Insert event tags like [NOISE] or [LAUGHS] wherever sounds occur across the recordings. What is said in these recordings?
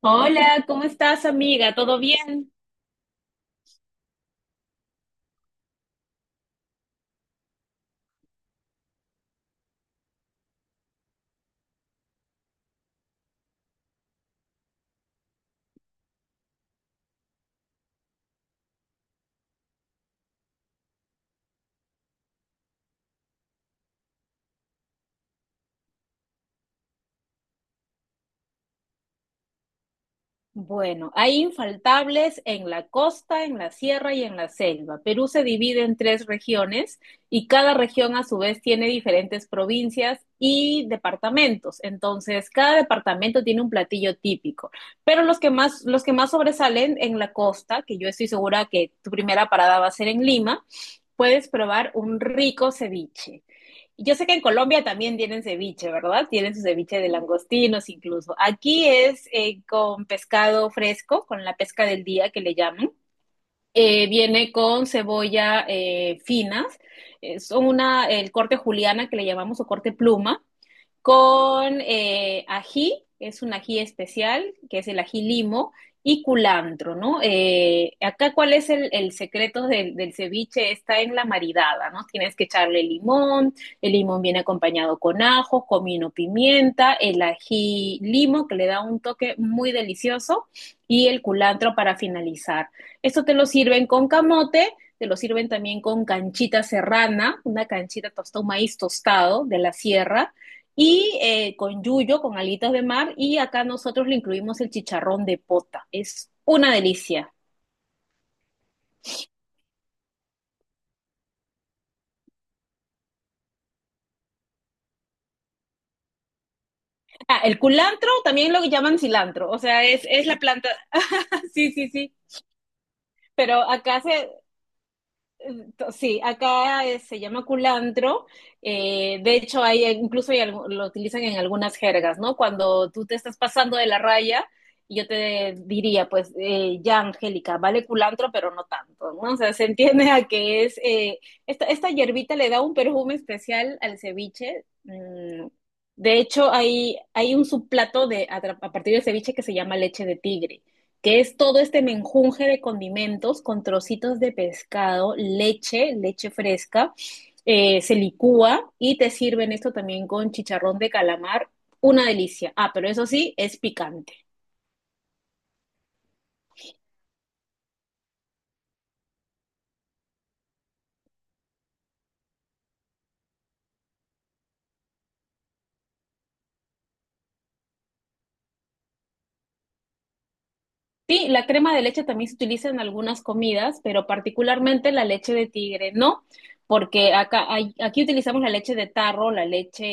Hola, ¿cómo estás, amiga? ¿Todo bien? Bueno, hay infaltables en la costa, en la sierra y en la selva. Perú se divide en tres regiones y cada región a su vez tiene diferentes provincias y departamentos. Entonces, cada departamento tiene un platillo típico, pero los que más sobresalen en la costa, que yo estoy segura que tu primera parada va a ser en Lima, puedes probar un rico ceviche. Yo sé que en Colombia también tienen ceviche, ¿verdad? Tienen su ceviche de langostinos incluso. Aquí es con pescado fresco, con la pesca del día que le llaman. Viene con cebolla finas, el corte juliana que le llamamos o corte pluma, con ají, es un ají especial, que es el ají limo, y culantro, ¿no? Acá, ¿cuál es el secreto del ceviche? Está en la maridada, ¿no? Tienes que echarle limón, el limón viene acompañado con ajo, comino, pimienta, el ají limo, que le da un toque muy delicioso, y el culantro para finalizar. Esto te lo sirven con camote, te lo sirven también con canchita serrana, una canchita tostado, un maíz tostado de la sierra, y con yuyo, con alitas de mar, y acá nosotros le incluimos el chicharrón de pota. Es una delicia. Ah, el culantro también lo llaman cilantro, o sea, es la planta. [LAUGHS] Sí, sí, sí. Pero acá se, Sí, acá se llama culantro. De hecho, hay, incluso hay algu- lo utilizan en algunas jergas, ¿no? Cuando tú te estás pasando de la raya, y yo te diría, pues, ya, Angélica, vale culantro, pero no tanto, ¿no? O sea, se entiende a que es, esta hierbita le da un perfume especial al ceviche. Mm. De hecho, hay un subplato a partir del ceviche que se llama leche de tigre, que es todo este menjunje de condimentos con trocitos de pescado, leche fresca, se licúa y te sirven esto también con chicharrón de calamar, una delicia. Ah, pero eso sí, es picante. Sí, la crema de leche también se utiliza en algunas comidas, pero particularmente la leche de tigre, ¿no? Porque acá aquí utilizamos la leche de tarro, la leche,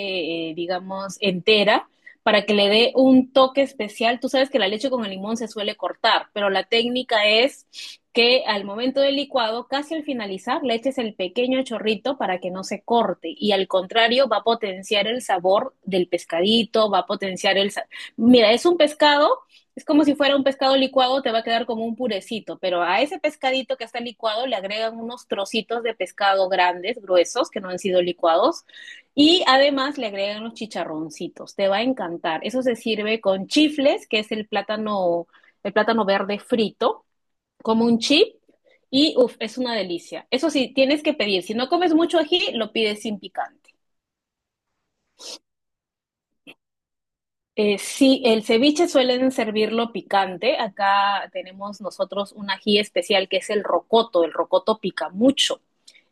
digamos, entera, para que le dé un toque especial. Tú sabes que la leche con el limón se suele cortar, pero la técnica es que al momento del licuado, casi al finalizar, le eches el pequeño chorrito para que no se corte. Y al contrario, va a potenciar el sabor del pescadito, va a potenciar el... sa- mira, es como si fuera un pescado licuado, te va a quedar como un purecito, pero a ese pescadito que está licuado le agregan unos trocitos de pescado grandes, gruesos, que no han sido licuados, y además le agregan los chicharroncitos. Te va a encantar. Eso se sirve con chifles, que es el plátano verde frito, como un chip, y uff, es una delicia. Eso sí, tienes que pedir. Si no comes mucho ají, lo pides sin picante. Sí, el ceviche suelen servirlo picante. Acá tenemos nosotros un ají especial que es el rocoto. El rocoto pica mucho.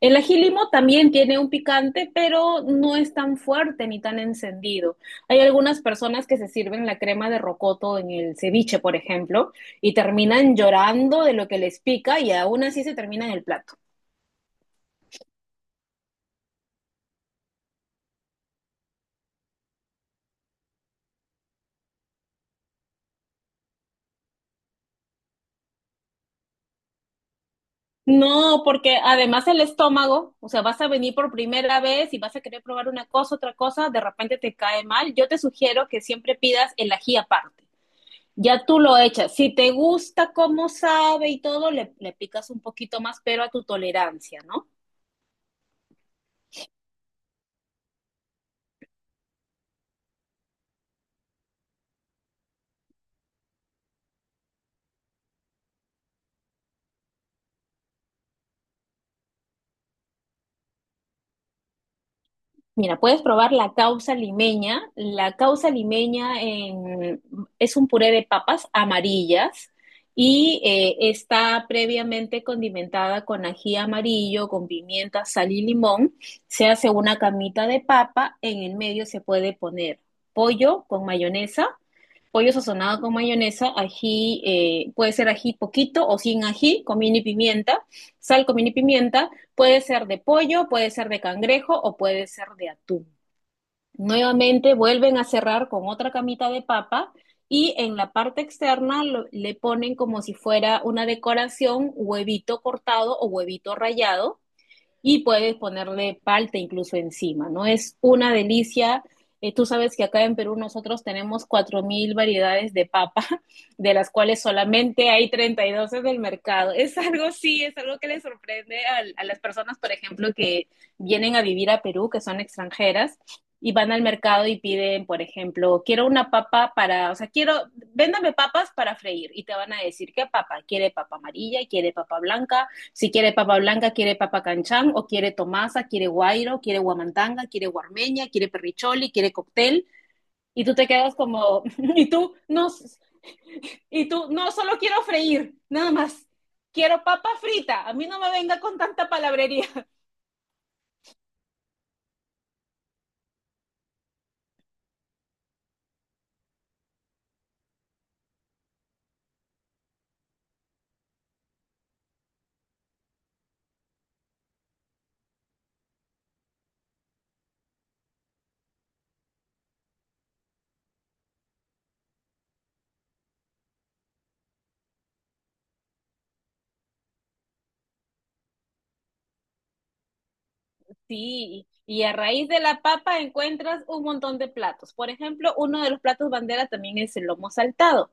El ají limo también tiene un picante, pero no es tan fuerte ni tan encendido. Hay algunas personas que se sirven la crema de rocoto en el ceviche, por ejemplo, y terminan llorando de lo que les pica y aún así se termina en el plato. No, porque además el estómago, o sea, vas a venir por primera vez y vas a querer probar una cosa, otra cosa, de repente te cae mal. Yo te sugiero que siempre pidas el ají aparte. Ya tú lo echas. Si te gusta cómo sabe y todo, le picas un poquito más, pero a tu tolerancia, ¿no? Mira, puedes probar la causa limeña. Es un puré de papas amarillas y está previamente condimentada con ají amarillo, con pimienta, sal y limón. Se hace una camita de papa, en el medio se puede poner pollo con mayonesa, pollo sazonado con mayonesa, ají, puede ser ají poquito o sin ají, comino y pimienta, sal, comino y pimienta, puede ser de pollo, puede ser de cangrejo o puede ser de atún. Nuevamente vuelven a cerrar con otra camita de papa y en la parte externa le ponen como si fuera una decoración huevito cortado o huevito rallado y puedes ponerle palta incluso encima, ¿no? Es una delicia. Tú sabes que acá en Perú nosotros tenemos 4000 variedades de papa, [LAUGHS] de las cuales solamente hay 32 en el mercado. Es algo, sí, es algo que le sorprende a las personas, por ejemplo, que vienen a vivir a Perú, que son extranjeras, y van al mercado y piden, por ejemplo, quiero una papa para, o sea, quiero, véndame papas para freír y te van a decir qué papa, quiere papa amarilla, quiere papa blanca, si quiere papa blanca, quiere papa canchán, o quiere tomasa, quiere guairo, quiere guamantanga, quiere guarmeña, quiere perricholi, quiere cóctel. Y tú te quedas como, [LAUGHS] y tú, no, solo quiero freír, nada más. Quiero papa frita, a mí no me venga con tanta palabrería. [LAUGHS] Sí, y a raíz de la papa encuentras un montón de platos. Por ejemplo, uno de los platos bandera también es el lomo saltado.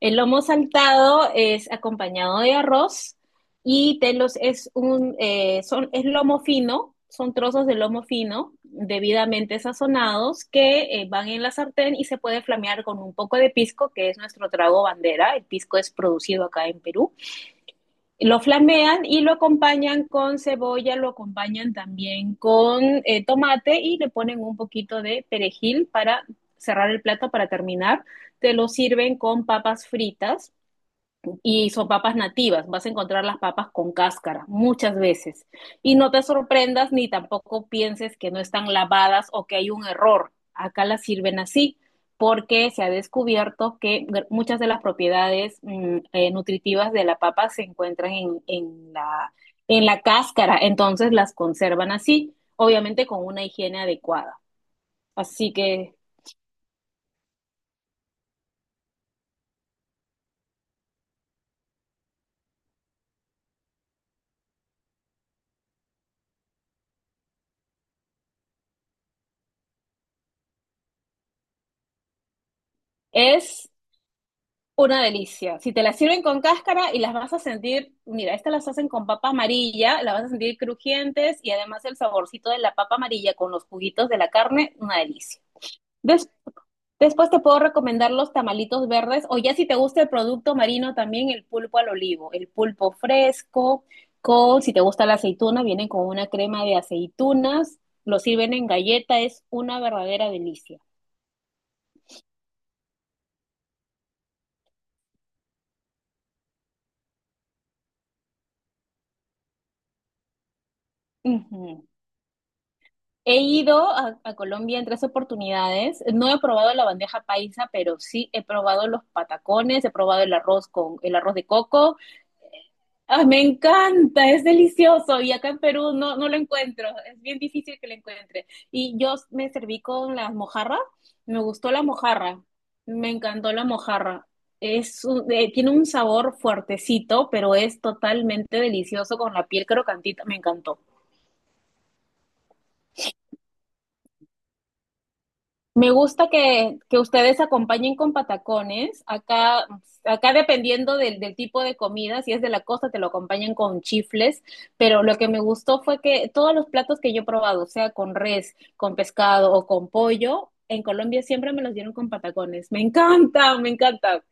El lomo saltado es acompañado de arroz y telos es lomo fino, son trozos de lomo fino debidamente sazonados que van en la sartén y se puede flamear con un poco de pisco, que es nuestro trago bandera. El pisco es producido acá en Perú. Lo flamean y lo acompañan con cebolla, lo acompañan también con tomate y le ponen un poquito de perejil para cerrar el plato, para terminar. Te lo sirven con papas fritas y son papas nativas. Vas a encontrar las papas con cáscara muchas veces. Y no te sorprendas ni tampoco pienses que no están lavadas o que hay un error. Acá las sirven así porque se ha descubierto que muchas de las propiedades nutritivas de la papa se encuentran en la cáscara, entonces las conservan así, obviamente con una higiene adecuada. Así que es una delicia. Si te las sirven con cáscara y las vas a sentir, mira, estas las hacen con papa amarilla, las vas a sentir crujientes y además el saborcito de la papa amarilla con los juguitos de la carne, una delicia. Des- Después te puedo recomendar los tamalitos verdes o ya si te gusta el producto marino también el pulpo al olivo, el pulpo fresco, con, si te gusta la aceituna, vienen con una crema de aceitunas, lo sirven en galleta, es una verdadera delicia. Ujú. He ido a Colombia en tres oportunidades. No he probado la bandeja paisa, pero sí he probado los patacones, he probado el arroz con el arroz de coco. ¡Ah, me encanta, es delicioso! Y acá en Perú no, no lo encuentro, es bien difícil que lo encuentre. Y yo me serví con las mojarras, me gustó la mojarra, me encantó la mojarra. Tiene un sabor fuertecito, pero es totalmente delicioso con la piel crocantita, me encantó. Me gusta que ustedes acompañen con patacones. Acá, acá dependiendo del tipo de comida, si es de la costa, te lo acompañan con chifles. Pero lo que me gustó fue que todos los platos que yo he probado, sea con res, con pescado o con pollo, en Colombia siempre me los dieron con patacones. Me encanta, me encanta.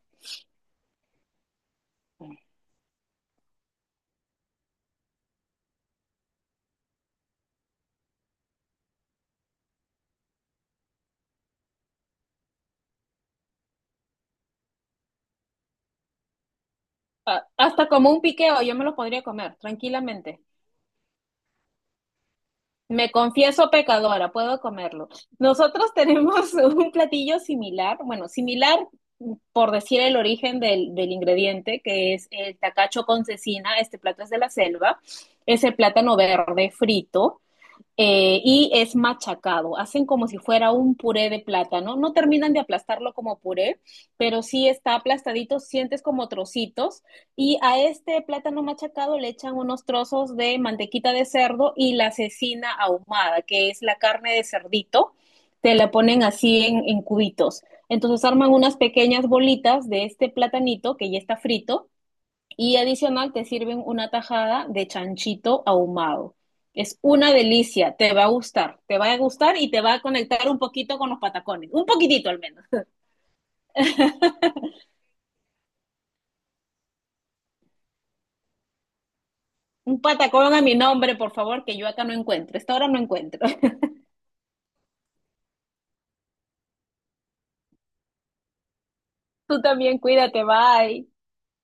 Ah, hasta como un piqueo, yo me lo podría comer tranquilamente. Me confieso pecadora, puedo comerlo. Nosotros [LAUGHS] tenemos un platillo similar, bueno, similar por decir el origen del ingrediente, que es el tacacho con cecina, este plato es de la selva, es el plátano verde frito, y es machacado. Hacen como si fuera un puré de plátano. No terminan de aplastarlo como puré, pero sí está aplastadito, sientes como trocitos. Y a este plátano machacado le echan unos trozos de mantequita de cerdo y la cecina ahumada, que es la carne de cerdito. Te la ponen así en cubitos. Entonces arman unas pequeñas bolitas de este platanito que ya está frito y adicional te sirven una tajada de chanchito ahumado. Es una delicia, te va a gustar, te va a gustar y te va a conectar un poquito con los patacones, un poquitito al menos. Un patacón a mi nombre, por favor, que yo acá no encuentro, esta hora no encuentro. [LAUGHS] Tú también cuídate, bye.